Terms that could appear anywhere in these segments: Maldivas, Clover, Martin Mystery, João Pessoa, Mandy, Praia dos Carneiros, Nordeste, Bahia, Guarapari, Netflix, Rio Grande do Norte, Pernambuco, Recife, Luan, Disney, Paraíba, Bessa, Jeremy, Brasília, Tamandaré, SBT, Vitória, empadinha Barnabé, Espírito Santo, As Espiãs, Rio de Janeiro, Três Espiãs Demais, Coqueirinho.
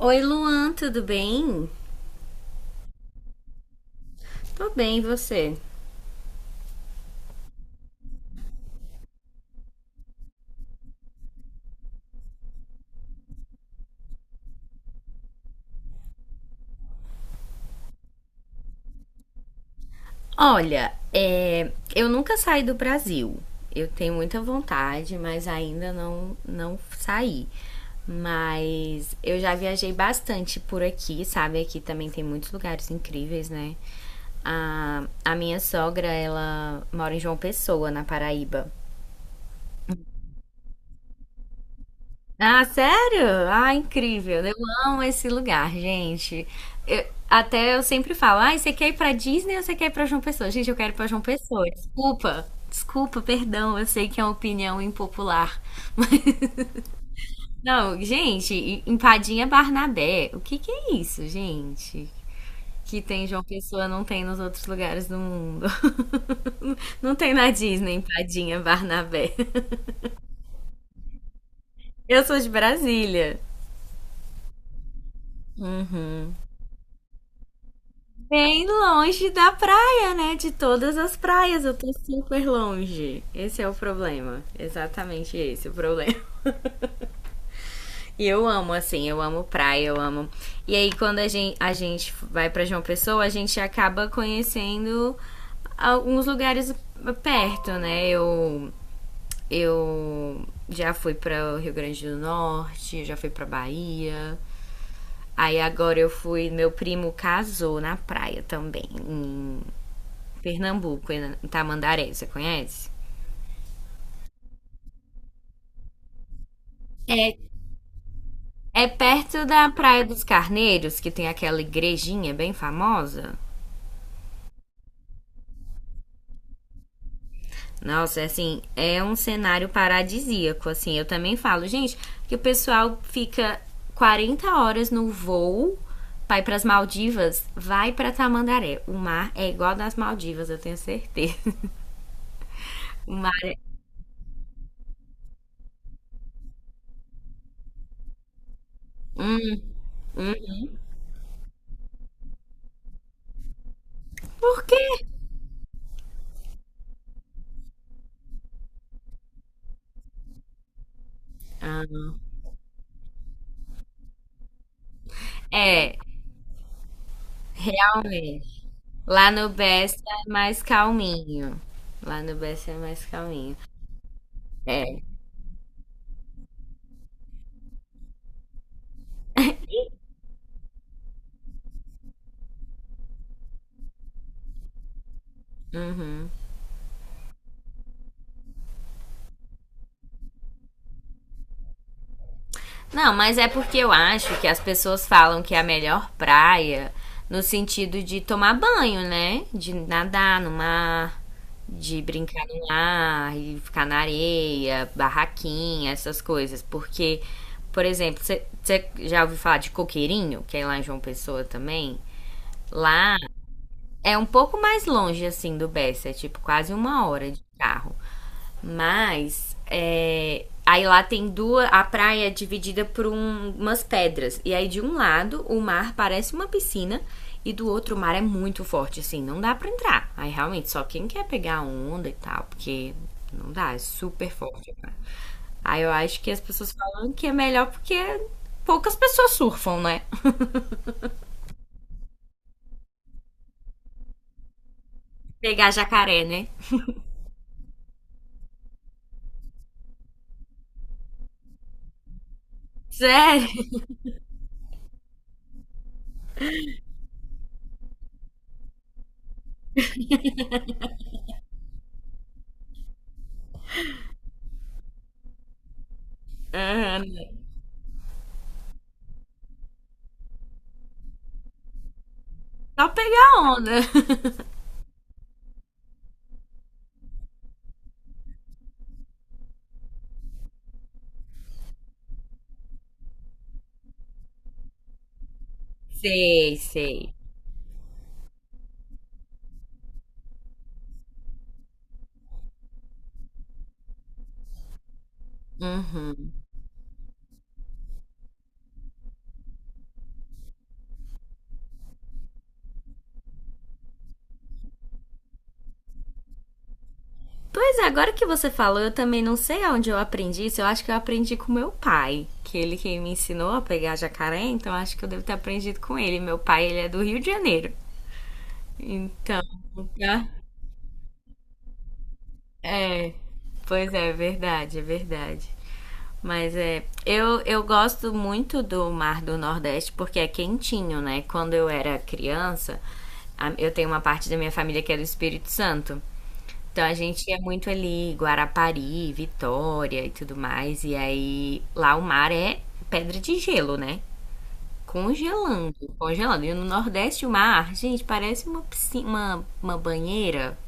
Oi, Luan, tudo bem? Tô bem, e você? Olha, eu nunca saí do Brasil. Eu tenho muita vontade, mas ainda não saí. Mas eu já viajei bastante por aqui, sabe? Aqui também tem muitos lugares incríveis, né? A minha sogra, ela mora em João Pessoa, na Paraíba. Ah, sério? Ah, incrível. Eu amo esse lugar, gente. Até eu sempre falo, ah, você quer ir pra Disney ou você quer ir pra João Pessoa? Gente, eu quero ir pra João Pessoa. Desculpa, desculpa, perdão, eu sei que é uma opinião impopular. Não, gente, empadinha Barnabé. O que que é isso, gente? Que tem em João Pessoa, não tem nos outros lugares do mundo. Não tem na Disney, empadinha Barnabé. Eu sou de Brasília. Uhum. Bem longe da praia, né? De todas as praias, eu tô super longe. Esse é o problema. Exatamente esse é o problema. E eu amo, assim, eu amo praia, eu amo. E aí, quando a gente vai pra João Pessoa, a gente acaba conhecendo alguns lugares perto, né? Eu já fui para Rio Grande do Norte, já fui para Bahia. Aí agora eu fui, meu primo casou na praia também, em Pernambuco, em Tamandaré, você conhece? É, é perto da Praia dos Carneiros, que tem aquela igrejinha bem famosa. Nossa, é assim, é um cenário paradisíaco, assim. Eu também falo, gente, que o pessoal fica 40 horas no voo, vai para as Maldivas, vai para Tamandaré. O mar é igual das Maldivas, eu tenho certeza. O mar é... Por quê? Ah, é, realmente. Lá no Best é mais calminho. Lá no Best é mais calminho. É. Não, mas é porque eu acho que as pessoas falam que é a melhor praia no sentido de tomar banho, né? De nadar no mar, de brincar no mar, e ficar na areia, barraquinha, essas coisas. Porque, por exemplo, você já ouviu falar de Coqueirinho, que é lá em João Pessoa também? Lá é um pouco mais longe, assim, do Bessa, é tipo quase uma hora de carro. Mas é, aí lá tem duas. A praia é dividida por umas pedras. E aí de um lado o mar parece uma piscina. E do outro o mar é muito forte, assim, não dá pra entrar. Aí realmente, só quem quer pegar onda e tal, porque não dá, é super forte. Né? Aí eu acho que as pessoas falam que é melhor porque poucas pessoas surfam, né? Pegar jacaré, né? Sério? Só pegar onda. Sei, sei. Uhum. Pois é, agora que você falou, eu também não sei onde eu aprendi isso. Eu acho que eu aprendi com meu pai, que ele que me ensinou a pegar jacaré, então acho que eu devo ter aprendido com ele. Meu pai, ele é do Rio de Janeiro. Então, é, pois é, é verdade, é verdade. Mas é, eu gosto muito do mar do Nordeste porque é quentinho, né? Quando eu era criança, eu tenho uma parte da minha família que é do Espírito Santo. Então a gente ia muito ali, Guarapari, Vitória e tudo mais. E aí lá o mar é pedra de gelo, né? Congelando, congelando. E no Nordeste o mar, gente, parece uma piscina, uma banheira.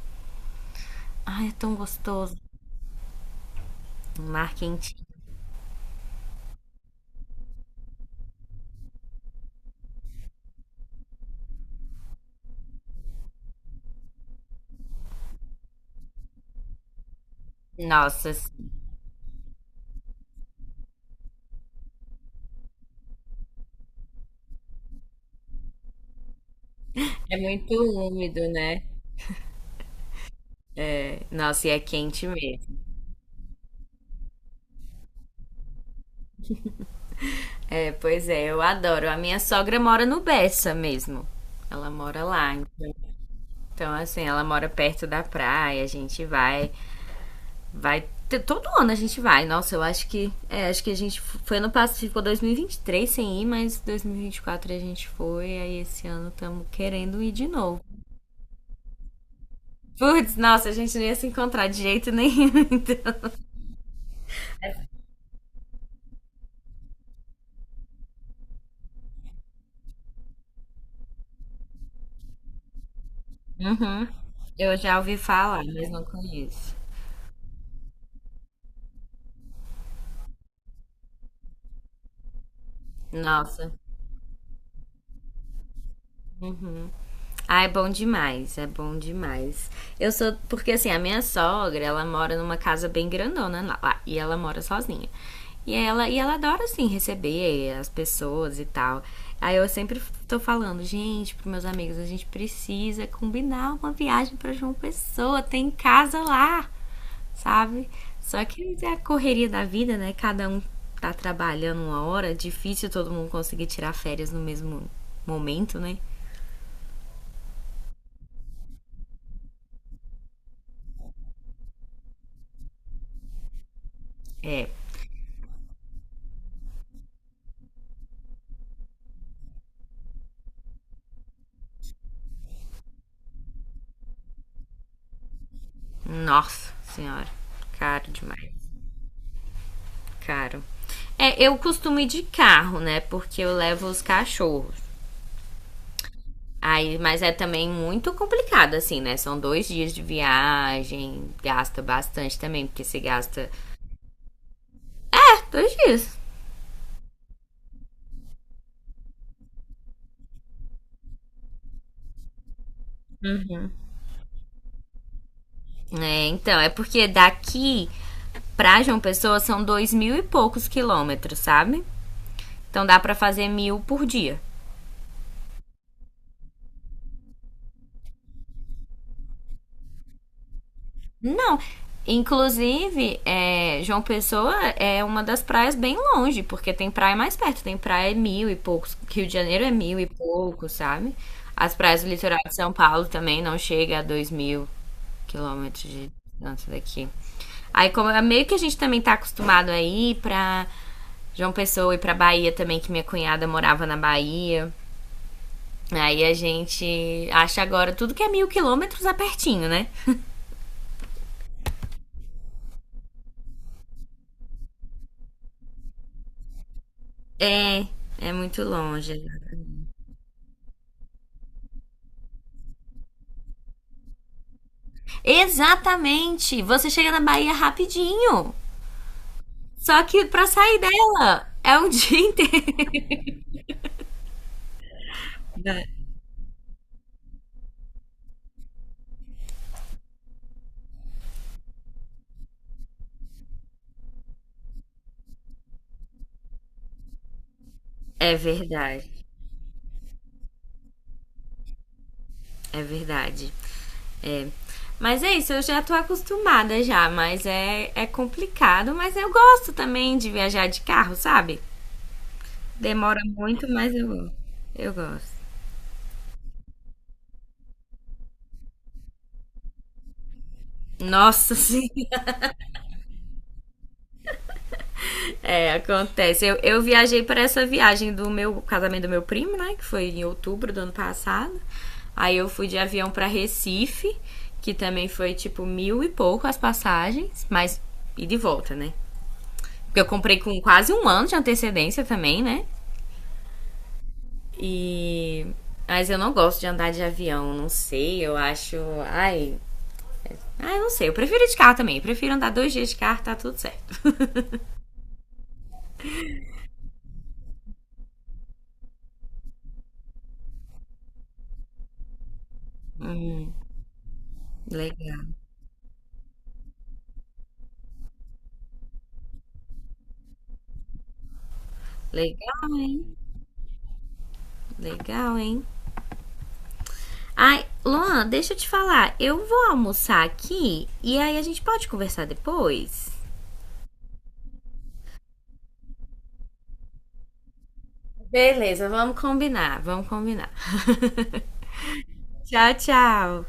Ai, é tão gostoso. Um mar. Nossa, sim. É muito úmido, né? Nossa, e é quente mesmo. É, pois é, eu adoro. A minha sogra mora no Bessa mesmo. Ela mora lá. Então, assim, ela mora perto da praia, a gente vai, vai todo ano a gente vai. Nossa, eu acho que, é, acho que a gente foi ano passado, ficou 2023 sem ir, mas 2024 a gente foi, aí esse ano estamos querendo ir de novo. Putz, nossa, a gente não ia se encontrar de jeito nenhum. Então. Uhum. Eu já ouvi falar, mas não conheço. Nossa. Uhum. Ah, é bom demais, é bom demais. Eu sou. Porque assim, a minha sogra, ela mora numa casa bem grandona lá, e ela mora sozinha. E ela adora, assim, receber as pessoas e tal. Aí eu sempre tô falando, gente, pros meus amigos, a gente precisa combinar uma viagem pra João Pessoa, tem casa lá, sabe? Só que é a correria da vida, né? Cada um tá trabalhando uma hora, difícil todo mundo conseguir tirar férias no mesmo momento, né? É. Nossa senhora, caro demais, caro. É, eu costumo ir de carro, né? Porque eu levo os cachorros. Aí, mas é também muito complicado, assim, né? São dois dias de viagem, gasta bastante também, porque você gasta é, dois dias. É, então, é porque daqui pra João Pessoa são dois mil e poucos quilômetros, sabe? Então dá pra fazer 1000 por dia. Não. Inclusive, é, João Pessoa é uma das praias bem longe, porque tem praia mais perto, tem praia é mil e poucos, Rio de Janeiro é mil e poucos, sabe? As praias do litoral de São Paulo também não chega a 2000 quilômetros de distância daqui. Aí, como é meio que a gente também tá acostumado a ir pra João Pessoa e pra Bahia também, que minha cunhada morava na Bahia. Aí a gente acha agora tudo que é 1000 quilômetros é pertinho, né? É, é muito longe. Exatamente! Você chega na Bahia rapidinho. Só que pra sair dela é um dia inteiro. É verdade, é verdade. É. Mas é isso, eu já tô acostumada já, mas é, é complicado, mas eu gosto também de viajar de carro, sabe? Demora muito, eu gosto. Nossa, sim. É, acontece. Eu viajei para essa viagem do meu casamento do meu primo, né? Que foi em outubro do ano passado. Aí eu fui de avião para Recife, que também foi tipo mil e pouco as passagens, mas e de volta, né? Porque eu comprei com quase um ano de antecedência também, né? E. Mas eu não gosto de andar de avião, não sei, eu acho. Ai. Ai, não sei. Eu prefiro de carro também. Eu prefiro andar dois dias de carro, tá tudo certo. Hum, legal. Legal, legal, hein? Ai, Luan, deixa eu te falar. Eu vou almoçar aqui e aí a gente pode conversar depois? Beleza. Beleza, vamos combinar, vamos combinar. Tchau, tchau.